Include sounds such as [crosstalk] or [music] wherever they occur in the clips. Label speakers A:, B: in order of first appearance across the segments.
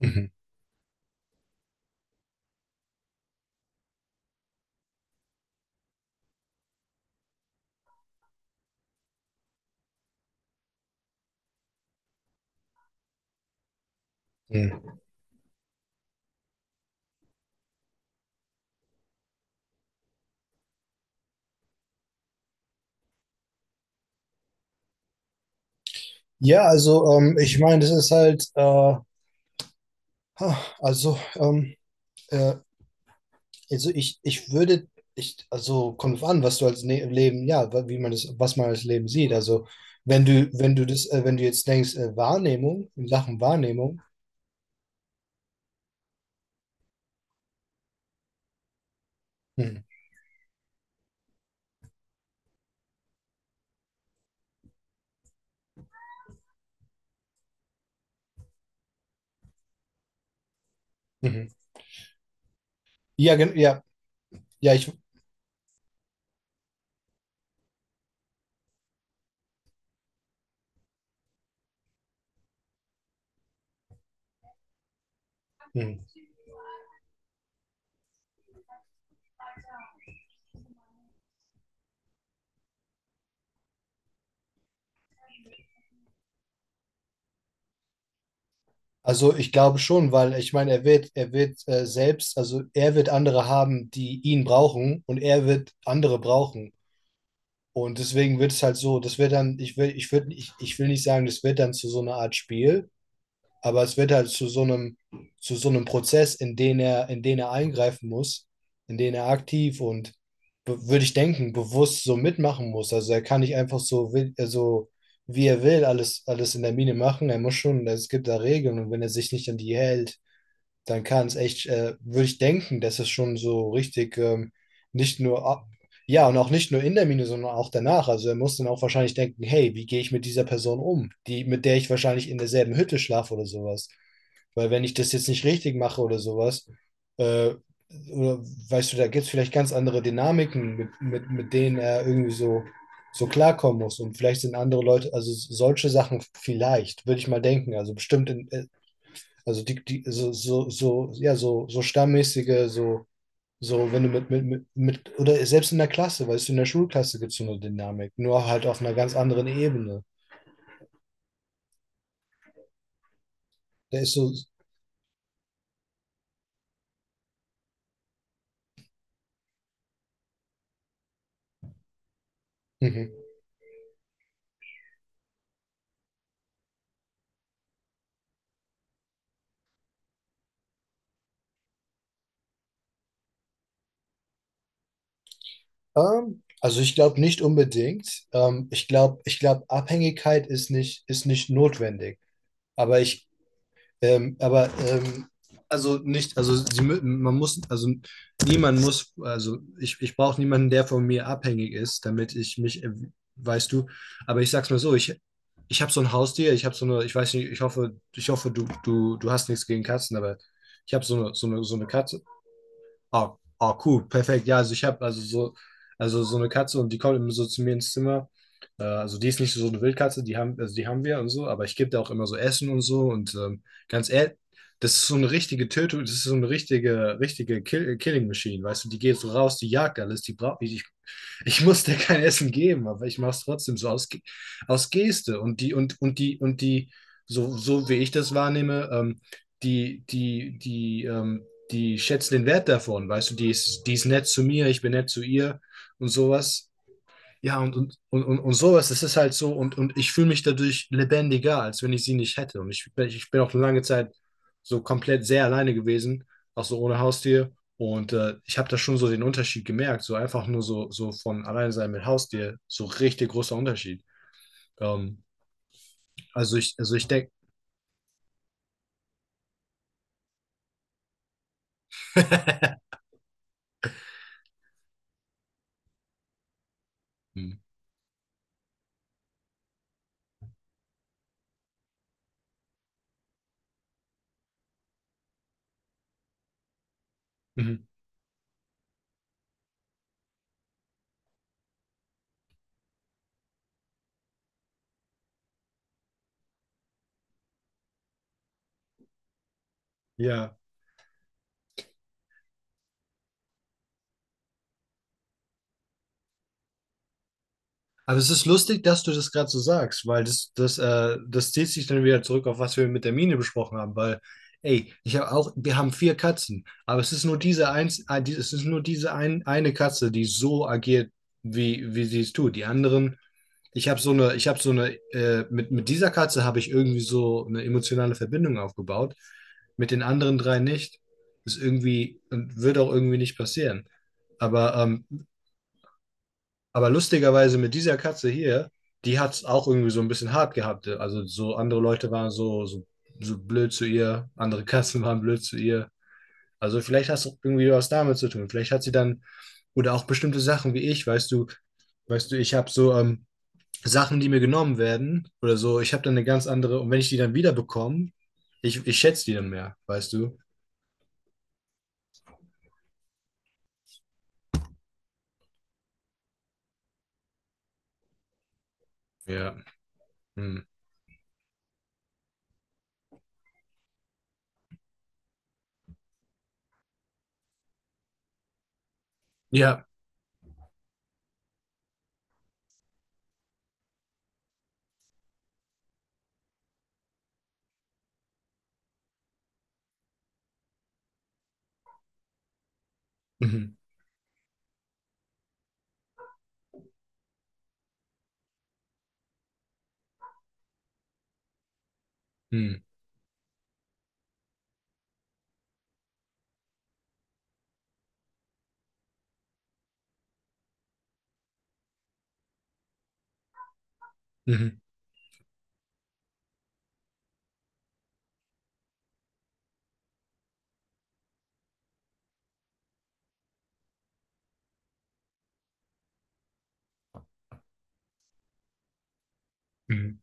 A: Mhm. Mhm. Ja, also ich meine, das ist halt, also, ähm, äh, also ich würde, also kommt drauf an, was du als ne Leben, ja, wie man das, was man als Leben sieht. Also wenn du das, wenn du jetzt denkst, Wahrnehmung, in Sachen Wahrnehmung, mhm. Mhm. Ja, ja, ja, ich, mhm. Also ich glaube schon, weil ich meine, er wird selbst, also er wird andere haben, die ihn brauchen und er wird andere brauchen. Und deswegen wird es halt so, das wird dann, ich will, ich würde, ich will nicht sagen, das wird dann zu so einer Art Spiel, aber es wird halt zu so einem Prozess, in den er eingreifen muss, in den er aktiv und würde ich denken, bewusst so mitmachen muss. Also er kann nicht einfach so, also wie er will, alles in der Mine machen. Er muss schon, es gibt da Regeln und wenn er sich nicht an die hält, dann kann es echt, würde ich denken, dass es schon so richtig nicht nur ab, ja, und auch nicht nur in der Mine, sondern auch danach. Also er muss dann auch wahrscheinlich denken, hey, wie gehe ich mit dieser Person um, die, mit der ich wahrscheinlich in derselben Hütte schlafe oder sowas. Weil wenn ich das jetzt nicht richtig mache oder sowas, äh, oder, weißt du, da gibt es vielleicht ganz andere Dynamiken, mit denen er irgendwie so, so klarkommen muss. Und vielleicht sind andere Leute, also solche Sachen vielleicht, würde ich mal denken. Also bestimmt in, also so, so stammmäßige, so, so, wenn du mit, oder selbst in der Klasse, weißt du, in der Schulklasse gibt es so eine Dynamik, nur halt auf einer ganz anderen Ebene. Der ist so, mhm. Also ich glaube nicht unbedingt. Ich glaube, Abhängigkeit ist nicht notwendig. Aber ich, Ähm, aber ähm, also nicht, also man muss, also niemand muss, ich brauche niemanden, der von mir abhängig ist, damit ich mich, weißt du, aber ich sag's mal so, ich habe so ein Haustier, ich habe so eine, ich weiß nicht, ich hoffe, du hast nichts gegen Katzen, aber ich habe so eine, so eine Katze. Ah, ah, cool, perfekt. Ja, also ich habe also so eine Katze und die kommt immer so zu mir ins Zimmer. Also die ist nicht so eine Wildkatze, die haben, also die haben wir und so, aber ich gebe da auch immer so Essen und so. Und ganz ehrlich, das ist so eine richtige Tötung, das ist so eine richtige, richtige Killing Machine, weißt du, die geht so raus, die jagt alles, die braucht nicht. Ich muss der kein Essen geben, aber ich mache es trotzdem so aus, aus Geste. Und die, und die, so, so wie ich das wahrnehme, die, die, die, ähm, die schätzt den Wert davon, weißt du, die ist nett zu mir, ich bin nett zu ihr und sowas. Ja, und sowas, das ist halt so, und ich fühle mich dadurch lebendiger, als wenn ich sie nicht hätte. Und ich bin auch eine lange Zeit so komplett sehr alleine gewesen, auch so ohne Haustier. Und ich habe da schon so den Unterschied gemerkt, so einfach nur so, so von alleine sein mit Haustier, so richtig großer Unterschied. Ähm, also ich denke, [laughs] ja. Aber es ist lustig, dass du das gerade so sagst, weil das zieht sich dann wieder zurück auf was wir mit der Mine besprochen haben, weil, ey, ich habe auch, wir haben vier Katzen, aber es ist nur diese eins, es ist nur eine Katze, die so agiert, wie sie es tut. Die anderen, ich habe so eine, ich habe so eine, mit dieser Katze habe ich irgendwie so eine emotionale Verbindung aufgebaut, mit den anderen drei nicht. Ist irgendwie und wird auch irgendwie nicht passieren. Aber ähm, aber lustigerweise mit dieser Katze hier, die hat es auch irgendwie so ein bisschen hart gehabt. Also so andere Leute waren so blöd zu ihr, andere Katzen waren blöd zu ihr. Also vielleicht hast du irgendwie was damit zu tun. Vielleicht hat sie dann, oder auch bestimmte Sachen wie ich, weißt du, ich habe so Sachen, die mir genommen werden oder so, ich habe dann eine ganz andere, und wenn ich die dann wieder bekomme, ich schätze die dann mehr, weißt du? Ja. Hm. Ja. Mhm. Mhm. Mhm. Mhm.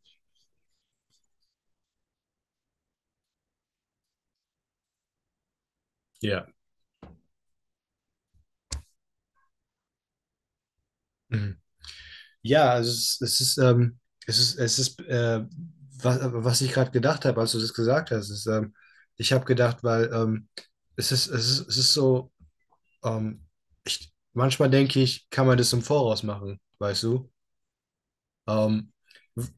A: Ja. Mhm. Ja, also es ist, was, was ich gerade gedacht habe, als du das gesagt hast, ist, ich habe gedacht, weil es ist so, ähm, manchmal denke ich, kann man das im Voraus machen, weißt du? Ähm, w-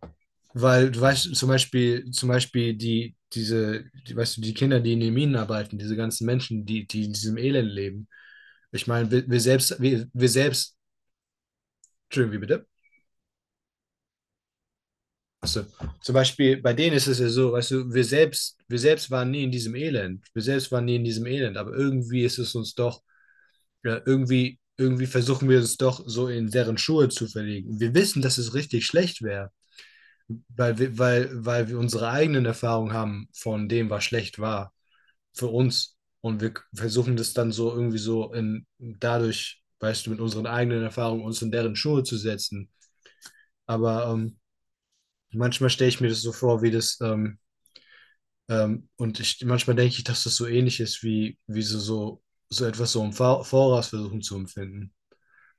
A: weil du weißt, zum Beispiel, die, weißt du, die Kinder, die in den Minen arbeiten, diese ganzen Menschen, die in diesem Elend leben. Ich meine, wir, wir selbst, Entschuldigung, wie bitte? Klasse. Zum Beispiel bei denen ist es ja so, weißt du, wir selbst waren nie in diesem Elend. Wir selbst waren nie in diesem Elend, aber irgendwie ist es uns doch, ja, irgendwie versuchen wir uns doch so in deren Schuhe zu verlegen. Wir wissen, dass es richtig schlecht wäre, weil wir unsere eigenen Erfahrungen haben von dem, was schlecht war für uns. Und wir versuchen das dann so irgendwie so in, dadurch, weißt du, mit unseren eigenen Erfahrungen uns in deren Schuhe zu setzen. Aber manchmal stelle ich mir das so vor, wie das, und ich, manchmal denke ich, dass das so ähnlich ist, so etwas so im Voraus versuchen zu empfinden.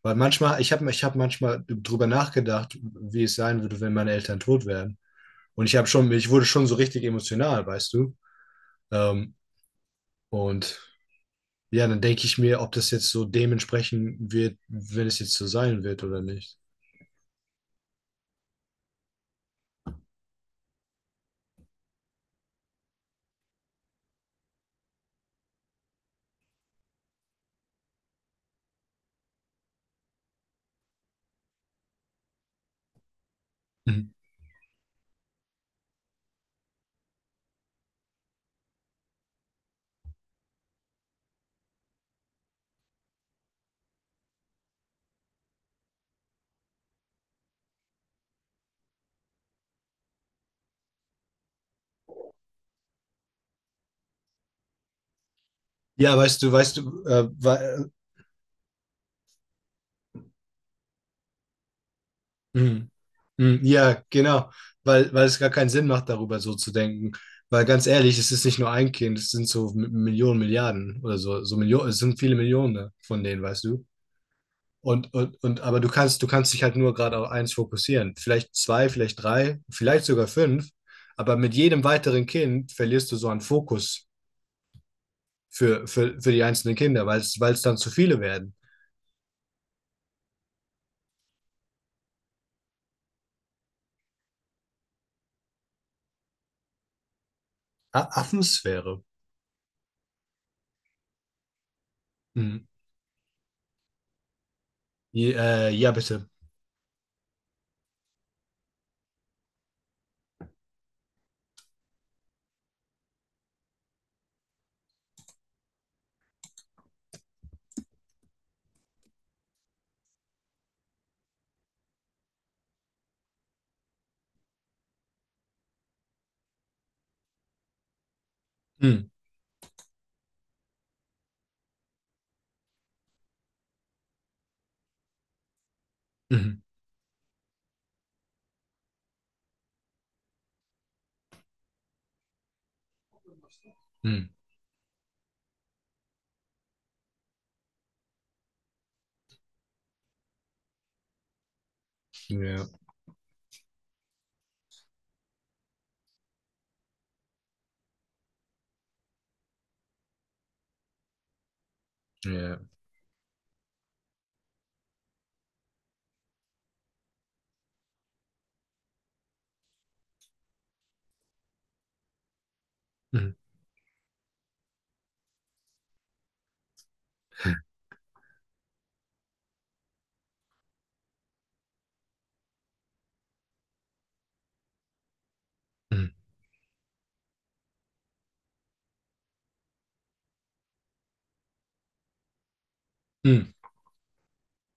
A: Weil manchmal, ich hab manchmal drüber nachgedacht, wie es sein würde, wenn meine Eltern tot wären. Und ich wurde schon so richtig emotional, weißt du? Ähm, und ja, dann denke ich mir, ob das jetzt so dementsprechend wird, wenn es jetzt so sein wird oder nicht. Mhm. Ja, weißt du, mhm. Mhm. Ja, genau, weil es gar keinen Sinn macht, darüber so zu denken. Weil ganz ehrlich, es ist nicht nur ein Kind, es sind so Millionen, Milliarden oder so, so Millionen, es sind viele Millionen von denen, weißt du? Und, aber du kannst dich halt nur gerade auf eins fokussieren. Vielleicht zwei, vielleicht drei, vielleicht sogar fünf. Aber mit jedem weiteren Kind verlierst du so einen Fokus für die einzelnen Kinder, weil es dann zu viele werden. A Affensphäre. Mhm. Ja, ja, bitte. Mhm. Mhm. Mhm. Ja. Ja. Mhm. Mhm. Mhm.